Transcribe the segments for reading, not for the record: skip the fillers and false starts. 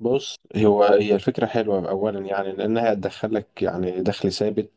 بص، هي الفكرة حلوة أولا، يعني لأنها هتدخلك يعني دخل ثابت.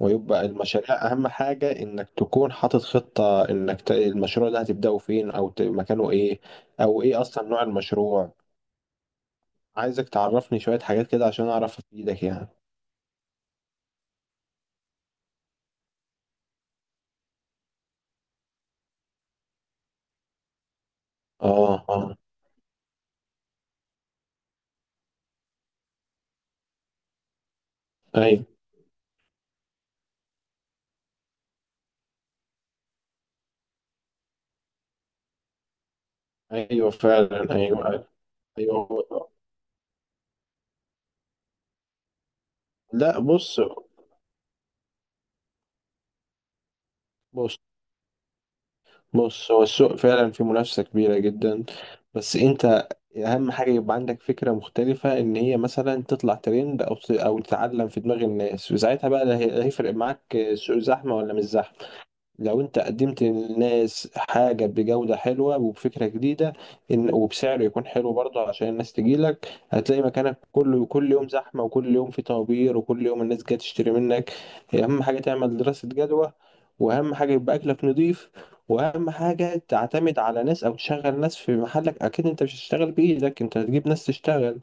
ويبقى المشاريع أهم حاجة إنك تكون حاطط خطة، إنك المشروع ده هتبدأه فين، أو مكانه إيه، أو إيه أصلا نوع المشروع. عايزك تعرفني شوية حاجات كده عشان أعرف أفيدك يعني. آه آه. أيوه. أيوه فعلا، أيوه. أيوه. لا، بص هو السوق فعلا فيه منافسة كبيرة جدا، بس انت اهم حاجة يبقى عندك فكرة مختلفة، ان هي مثلا تطلع ترند، او او تتعلم في دماغ الناس، وساعتها بقى لا لا هيفرق معاك السوق زحمة ولا مش زحمة. لو انت قدمت للناس حاجة بجودة حلوة وبفكرة جديدة، ان وبسعر يكون حلو برضه عشان الناس تجيلك، هتلاقي مكانك كله كل يوم زحمة، وكل يوم في طوابير، وكل يوم الناس جاية تشتري منك. اهم حاجة تعمل دراسة جدوى، واهم حاجة يبقى اكلك نضيف، واهم حاجة تعتمد على ناس او تشغل ناس في محلك. اكيد انت مش هتشتغل بايدك، انت هتجيب ناس تشتغل.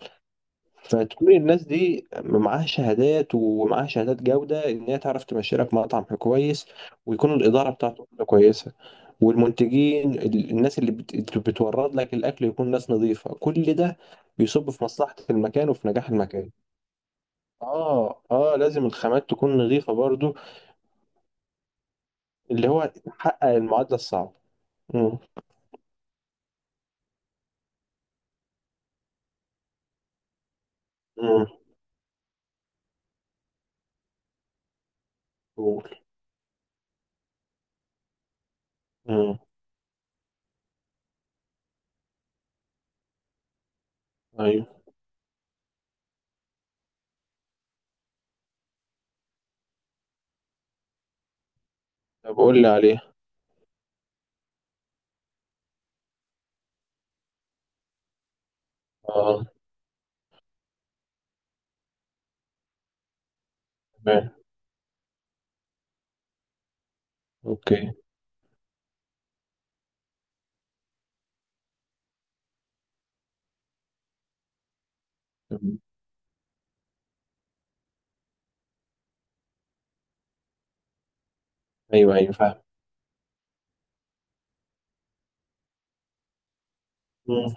فتكون الناس دي معاها شهادات، ومعاها شهادات جودة إن هي تعرف تمشي لك مطعم كويس، ويكون الإدارة بتاعته كويسة. والمنتجين الناس اللي بتورد لك الأكل يكون ناس نظيفة، كل ده بيصب في مصلحة المكان وفي نجاح المكان. آه آه، لازم الخامات تكون نظيفة برضو. اللي هو تحقق المعادلة الصعبة. مم. مم. قول. مم. أيوه. طب قول لي عليه. آه. تمام. أوكي. تمام. أيوه أيوه فاهم. مم.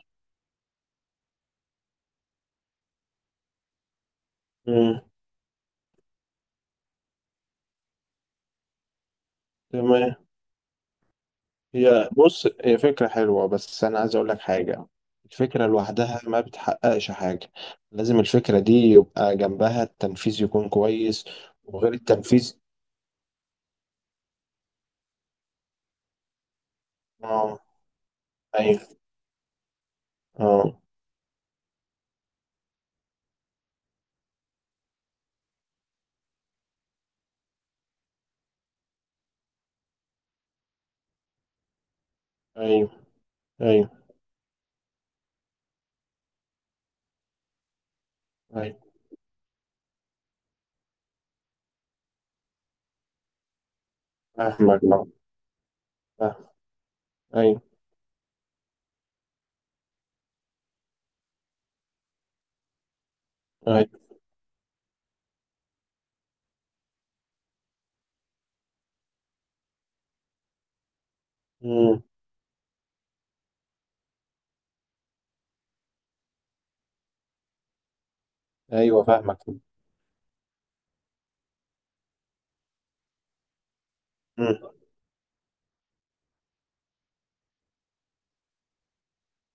مم. تمام. بص، هي فكرة حلوة، بس أنا عايز أقول لك حاجة. الفكرة لوحدها ما بتحققش حاجة. لازم الفكرة دي يبقى جنبها التنفيذ يكون كويس. وغير التنفيذ. اه. أيوه. اه. أيوه. أيوه. أيوه فاهمك. اه. فاهم. أيوه. أيوه. مم. أيوه فاهمك. مم.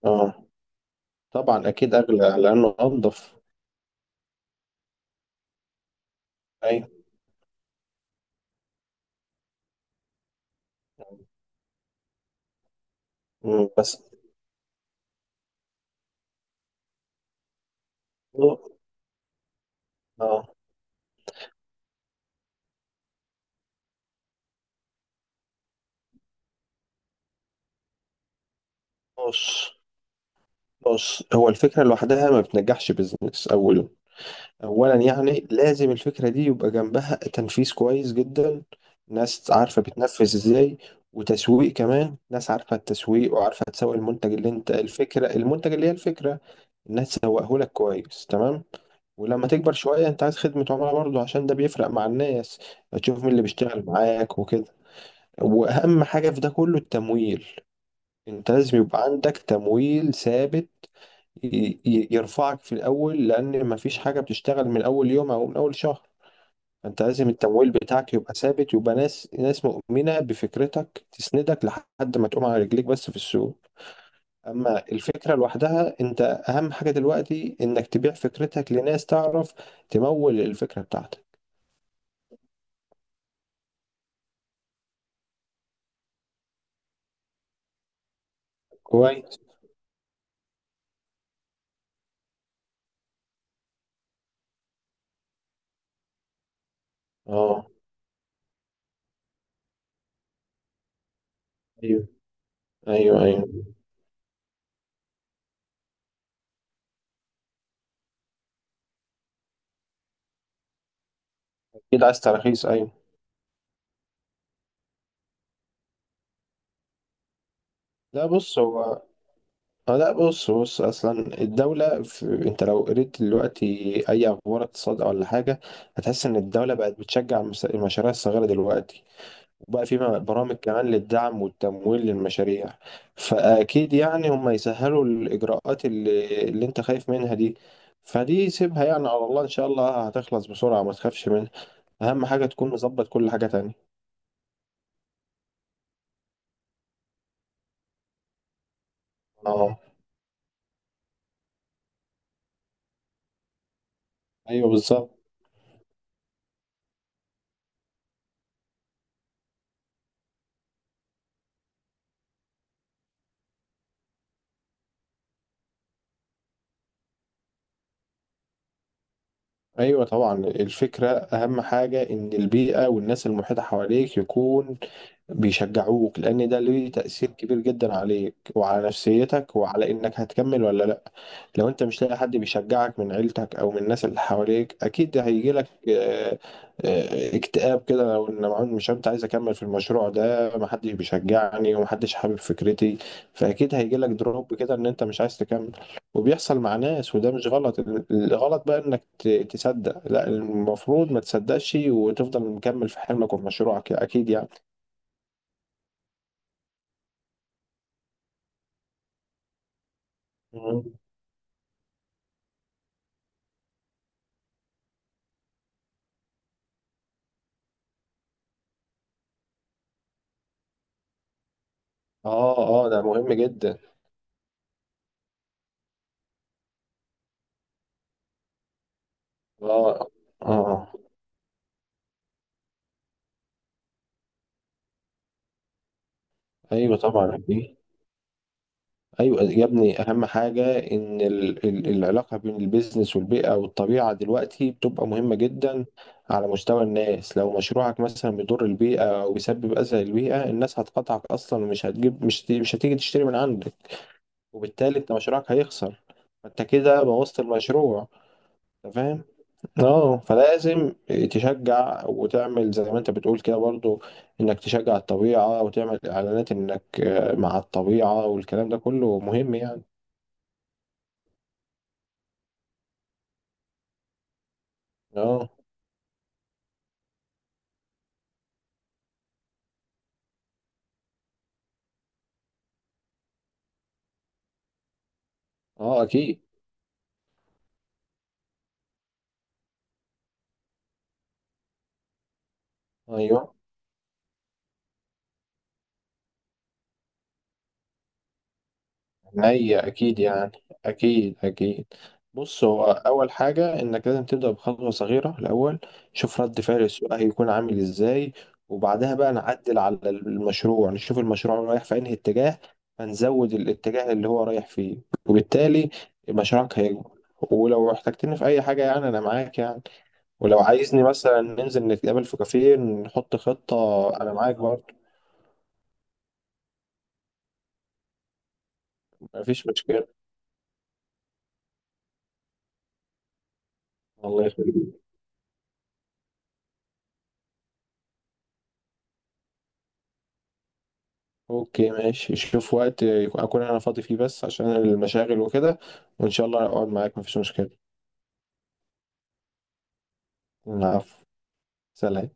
اه، طبعا أكيد أغلى لأنه أنضف. أيوه. مم. بس اه آه، بص بص هو الفكرة لوحدها ما بتنجحش بيزنس أولا. اولا يعني لازم الفكره دي يبقى جنبها تنفيذ كويس جدا. ناس عارفه بتنفذ ازاي، وتسويق كمان، ناس عارفه التسويق وعارفه تسوق المنتج اللي انت الفكره، المنتج اللي هي الفكره، الناس تسوقه لك كويس تمام. ولما تكبر شويه انت عايز خدمه عملاء برضه، عشان ده بيفرق مع الناس. تشوف مين اللي بيشتغل معاك وكده. واهم حاجه في ده كله التمويل. انت لازم يبقى عندك تمويل ثابت يرفعك في الاول، لان مفيش حاجه بتشتغل من اول يوم او من اول شهر. انت لازم التمويل بتاعك يبقى ثابت، يبقى ناس مؤمنة بفكرتك تسندك لحد ما تقوم على رجليك بس في السوق. اما الفكرة لوحدها، انت اهم حاجة دلوقتي انك تبيع فكرتك لناس تعرف تمول الفكرة بتاعتك. كويس. اه. ايوه. ايوه. ايوه اكيد عايز تراخيص ايوه. لا بص هو. اه لا بص اصلا الدولة انت لو قريت دلوقتي اي اخبار اقتصاد ولا حاجة، هتحس ان الدولة بقت بتشجع المشاريع الصغيرة دلوقتي. وبقى في برامج كمان للدعم والتمويل للمشاريع. فأكيد يعني هم يسهلوا الإجراءات اللي أنت خايف منها دي. فدي سيبها يعني على الله، إن شاء الله هتخلص بسرعة، ما تخافش منها. أهم حاجة تكون مظبط كل حاجة تانية. أه. أيوه بالظبط. أيوه طبعا، الفكرة أهم حاجة إن البيئة والناس المحيطة حواليك يكون بيشجعوك، لان ده ليه تأثير كبير جدا عليك وعلى نفسيتك وعلى انك هتكمل ولا لا. لو انت مش لاقي حد بيشجعك من عيلتك او من الناس اللي حواليك، اكيد هيجي لك اكتئاب كده، لو ان معون مش انت عايز اكمل في المشروع ده، محدش بيشجعني ومحدش حابب فكرتي، فاكيد هيجي لك دروب كده ان انت مش عايز تكمل. وبيحصل مع ناس، وده مش غلط. الغلط بقى انك تصدق. لا، المفروض ما تصدقش وتفضل مكمل في حلمك وفي مشروعك اكيد يعني. اه. اه ده مهم جدا. اه. اه. آه. ايوه طبعا أكيد. ايوه يا ابني، اهم حاجه ان ال العلاقه بين البيزنس والبيئه والطبيعه دلوقتي بتبقى مهمه جدا. على مستوى الناس، لو مشروعك مثلا بيضر البيئه او بيسبب اذى للبيئه، الناس هتقطعك اصلا، ومش هتجيب، مش هتيجي تشتري من عندك. وبالتالي انت مشروعك هيخسر، فانت كده بوظت المشروع. انت فاهم؟ اه، فلازم تشجع وتعمل زي ما انت بتقول كده برضو، انك تشجع الطبيعة وتعمل اعلانات انك مع الطبيعة، والكلام ده كله مهم يعني. اه. اه اكيد. ايوه. هي أكيد يعني. أكيد أكيد. بص هو أول حاجة إنك لازم تبدأ بخطوة صغيرة الأول. شوف رد فعل السوق هيكون عامل إزاي، وبعدها بقى نعدل على المشروع، نشوف المشروع رايح في أنهي اتجاه، فنزود الاتجاه اللي هو رايح فيه. وبالتالي مشروعك هيكبر. ولو احتجتني في أي حاجة يعني، أنا معاك يعني. ولو عايزني مثلا ننزل نتقابل في كافيه نحط خطة، أنا معاك برضه. مفيش مشكلة. الله يخليك. اوكي ماشي، شوف وقت اكون انا فاضي فيه، بس عشان المشاغل وكده، وان شاء الله اقعد معاك، مفيش مشكلة. العفو. سلام.